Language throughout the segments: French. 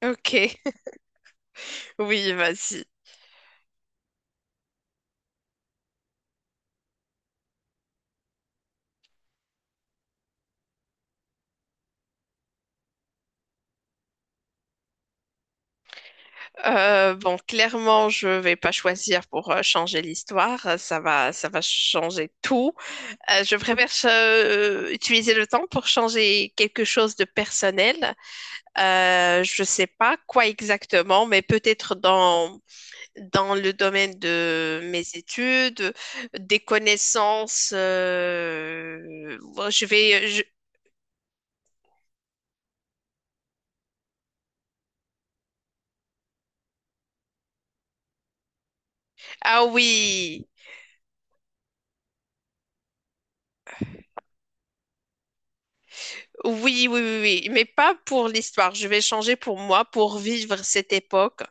Ok, oui, vas-y. Clairement, je vais pas choisir pour changer l'histoire. Ça va changer tout. Je préfère utiliser le temps pour changer quelque chose de personnel. Je sais pas quoi exactement, mais peut-être dans le domaine de mes études, des connaissances. Ah oui. Oui, oui, oui, oui, mais pas pour l'histoire. Je vais changer pour moi, pour vivre cette époque.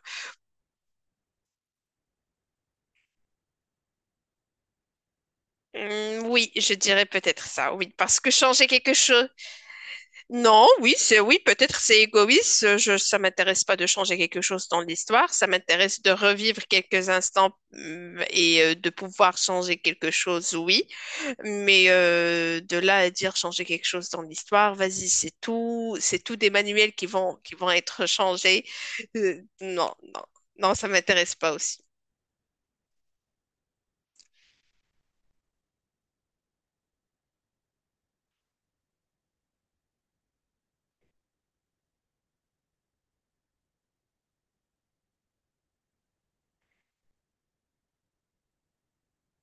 Oui, je dirais peut-être ça, oui, parce que changer quelque chose. Non, oui, c'est oui, peut-être c'est égoïste. Je, ça m'intéresse pas de changer quelque chose dans l'histoire. Ça m'intéresse de revivre quelques instants et de pouvoir changer quelque chose, oui. Mais de là à dire changer quelque chose dans l'histoire, vas-y, c'est tout des manuels qui vont être changés. Euh, non, non, non, ça m'intéresse pas aussi.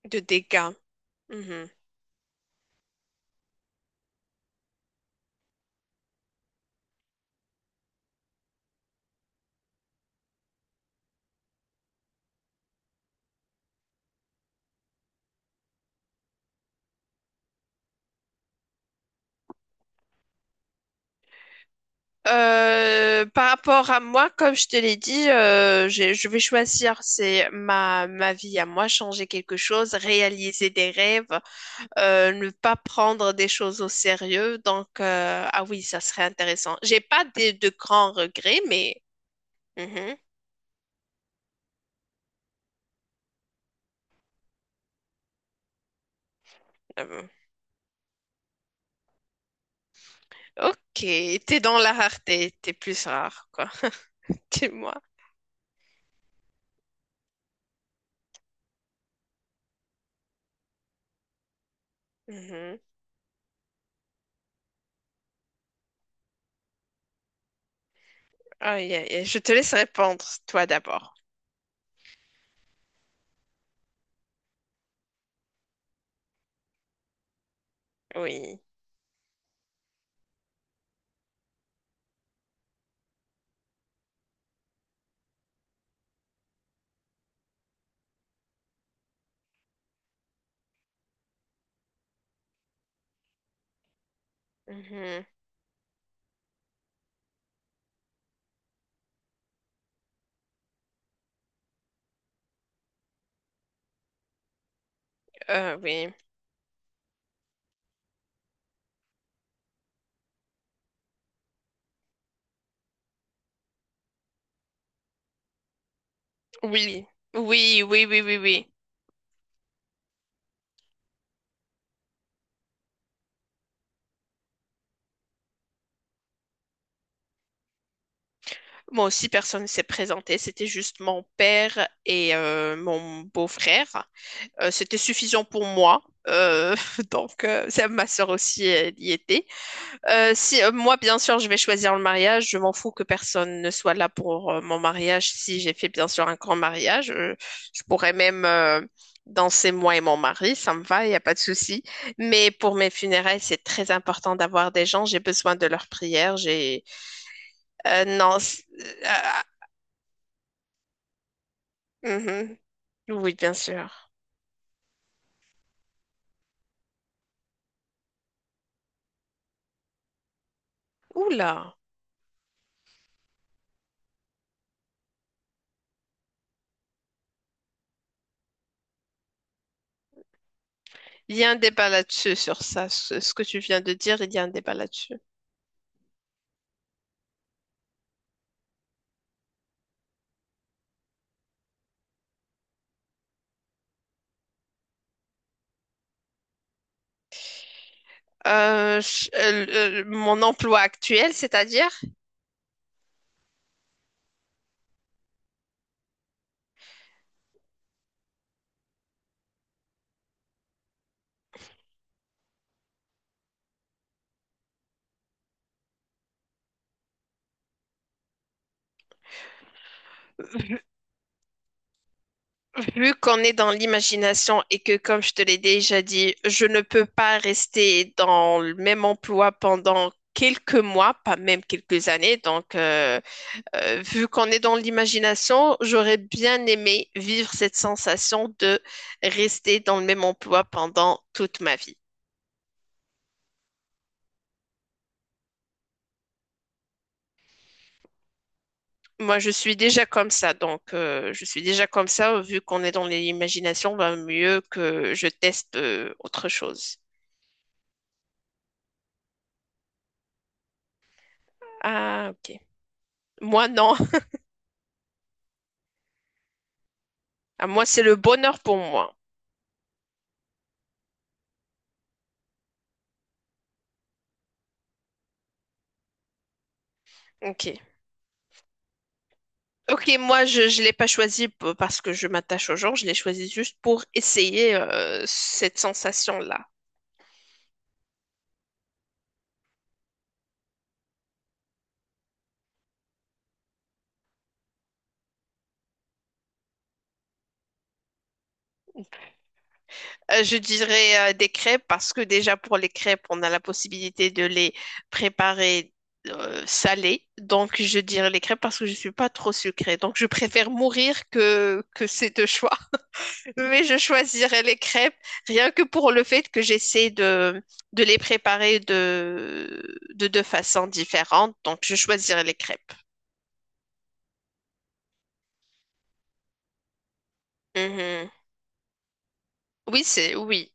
De dégâts. Mhm. Par rapport à moi, comme je te l'ai dit, je vais choisir, c'est ma, ma vie à moi, changer quelque chose, réaliser des rêves, ne pas prendre des choses au sérieux. Donc, ah oui, ça serait intéressant. J'ai pas de, de grands regrets, mais mhm. Euh, ok, t'es dans la rareté, t'es plus rare, quoi. Dis-moi. Mhm. Aïe, aïe, aïe. Je te laisse répondre, toi d'abord. Oui. Mhm. Oui. Oui. Oui, oui, oui, oui, oui. Moi aussi, personne ne s'est présenté. C'était juste mon père et mon beau-frère. C'était suffisant pour moi. Euh, donc, ça, ma soeur aussi, elle y était. Si, moi, bien sûr, je vais choisir le mariage. Je m'en fous que personne ne soit là pour mon mariage. Si j'ai fait, bien sûr, un grand mariage, je pourrais même danser moi et mon mari. Ça me va, il n'y a pas de souci. Mais pour mes funérailles, c'est très important d'avoir des gens. J'ai besoin de leurs prières. J'ai... non. Mhm. Oui, bien sûr. Oula. Il y a un débat là-dessus sur ça. Ce que tu viens de dire, il y a un débat là-dessus. Mon emploi actuel, c'est-à-dire? Vu qu'on est dans l'imagination et que, comme je te l'ai déjà dit, je ne peux pas rester dans le même emploi pendant quelques mois, pas même quelques années. Vu qu'on est dans l'imagination, j'aurais bien aimé vivre cette sensation de rester dans le même emploi pendant toute ma vie. Moi, je suis déjà comme ça, donc je suis déjà comme ça. Vu qu'on est dans l'imagination, ben, mieux que je teste autre chose. Ah, ok. Moi, non. Ah, moi, c'est le bonheur pour moi. Ok. Ok, moi, je ne l'ai pas choisi parce que je m'attache au genre, je l'ai choisi juste pour essayer cette sensation-là. Je dirais des crêpes parce que déjà pour les crêpes, on a la possibilité de les préparer salées. Donc, je dirais les crêpes parce que je ne suis pas trop sucrée. Donc, je préfère mourir que ces deux choix. Mais je choisirais les crêpes rien que pour le fait que j'essaie de les préparer de deux façons différentes. Donc, je choisirais les crêpes. Mhm. Oui, c'est oui.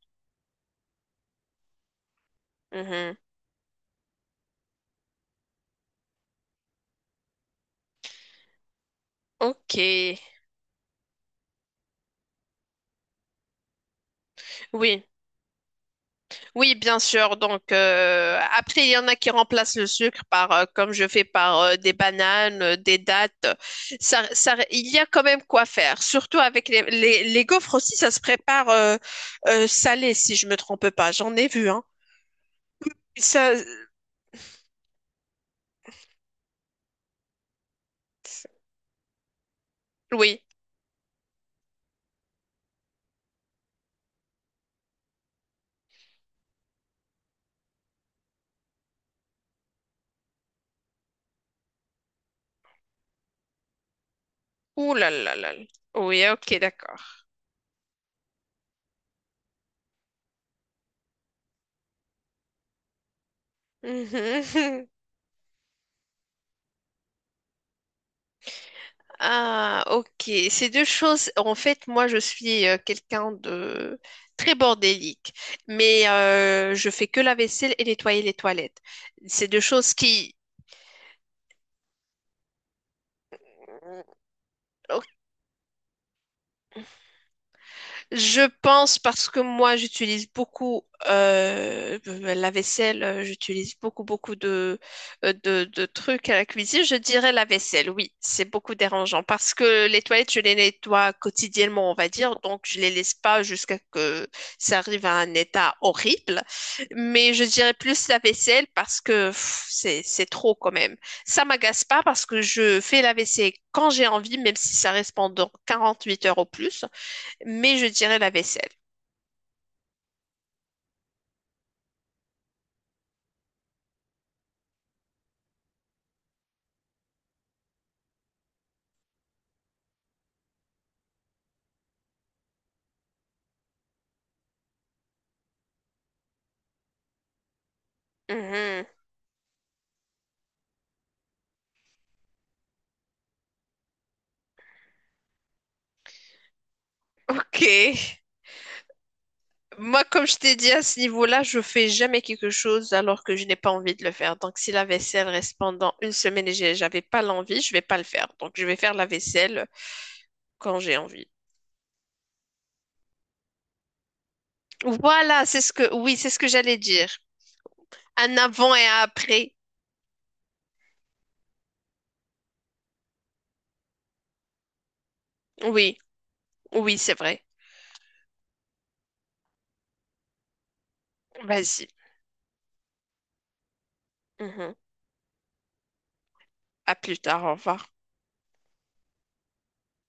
Mhm. Ok. Oui, oui, bien sûr. Donc, après, il y en a qui remplacent le sucre par, comme je fais, par des bananes, des dattes. Ça, il y a quand même quoi faire. Surtout avec les gaufres aussi, ça se prépare salé, si je me trompe pas. J'en ai vu, hein. Ça, oui. Ouh là là là. Là. Oui, ok, d'accord. Mhm. Ah, ok. Ces deux choses, en fait, moi, je suis quelqu'un de très bordélique, mais je fais que la vaisselle et nettoyer les toilettes. C'est deux choses qui. Je pense parce que moi j'utilise beaucoup la vaisselle, j'utilise beaucoup de, de trucs à la cuisine. Je dirais la vaisselle, oui, c'est beaucoup dérangeant parce que les toilettes je les nettoie quotidiennement, on va dire, donc je les laisse pas jusqu'à que ça arrive à un état horrible. Mais je dirais plus la vaisselle parce que pff, c'est trop quand même. Ça m'agace pas parce que je fais la vaisselle quand j'ai envie, même si ça reste pendant 48 heures au plus, mais je dirais la vaisselle. Mhm. Ok. Moi, comme je t'ai dit, à ce niveau-là, je fais jamais quelque chose alors que je n'ai pas envie de le faire. Donc, si la vaisselle reste pendant une semaine et j'avais pas l'envie, je vais pas le faire. Donc, je vais faire la vaisselle quand j'ai envie. Voilà, c'est ce que, oui, c'est ce que j'allais dire. Un avant et un après. Oui, oui, c'est vrai. Vas-y. Mhm. À plus tard, au revoir.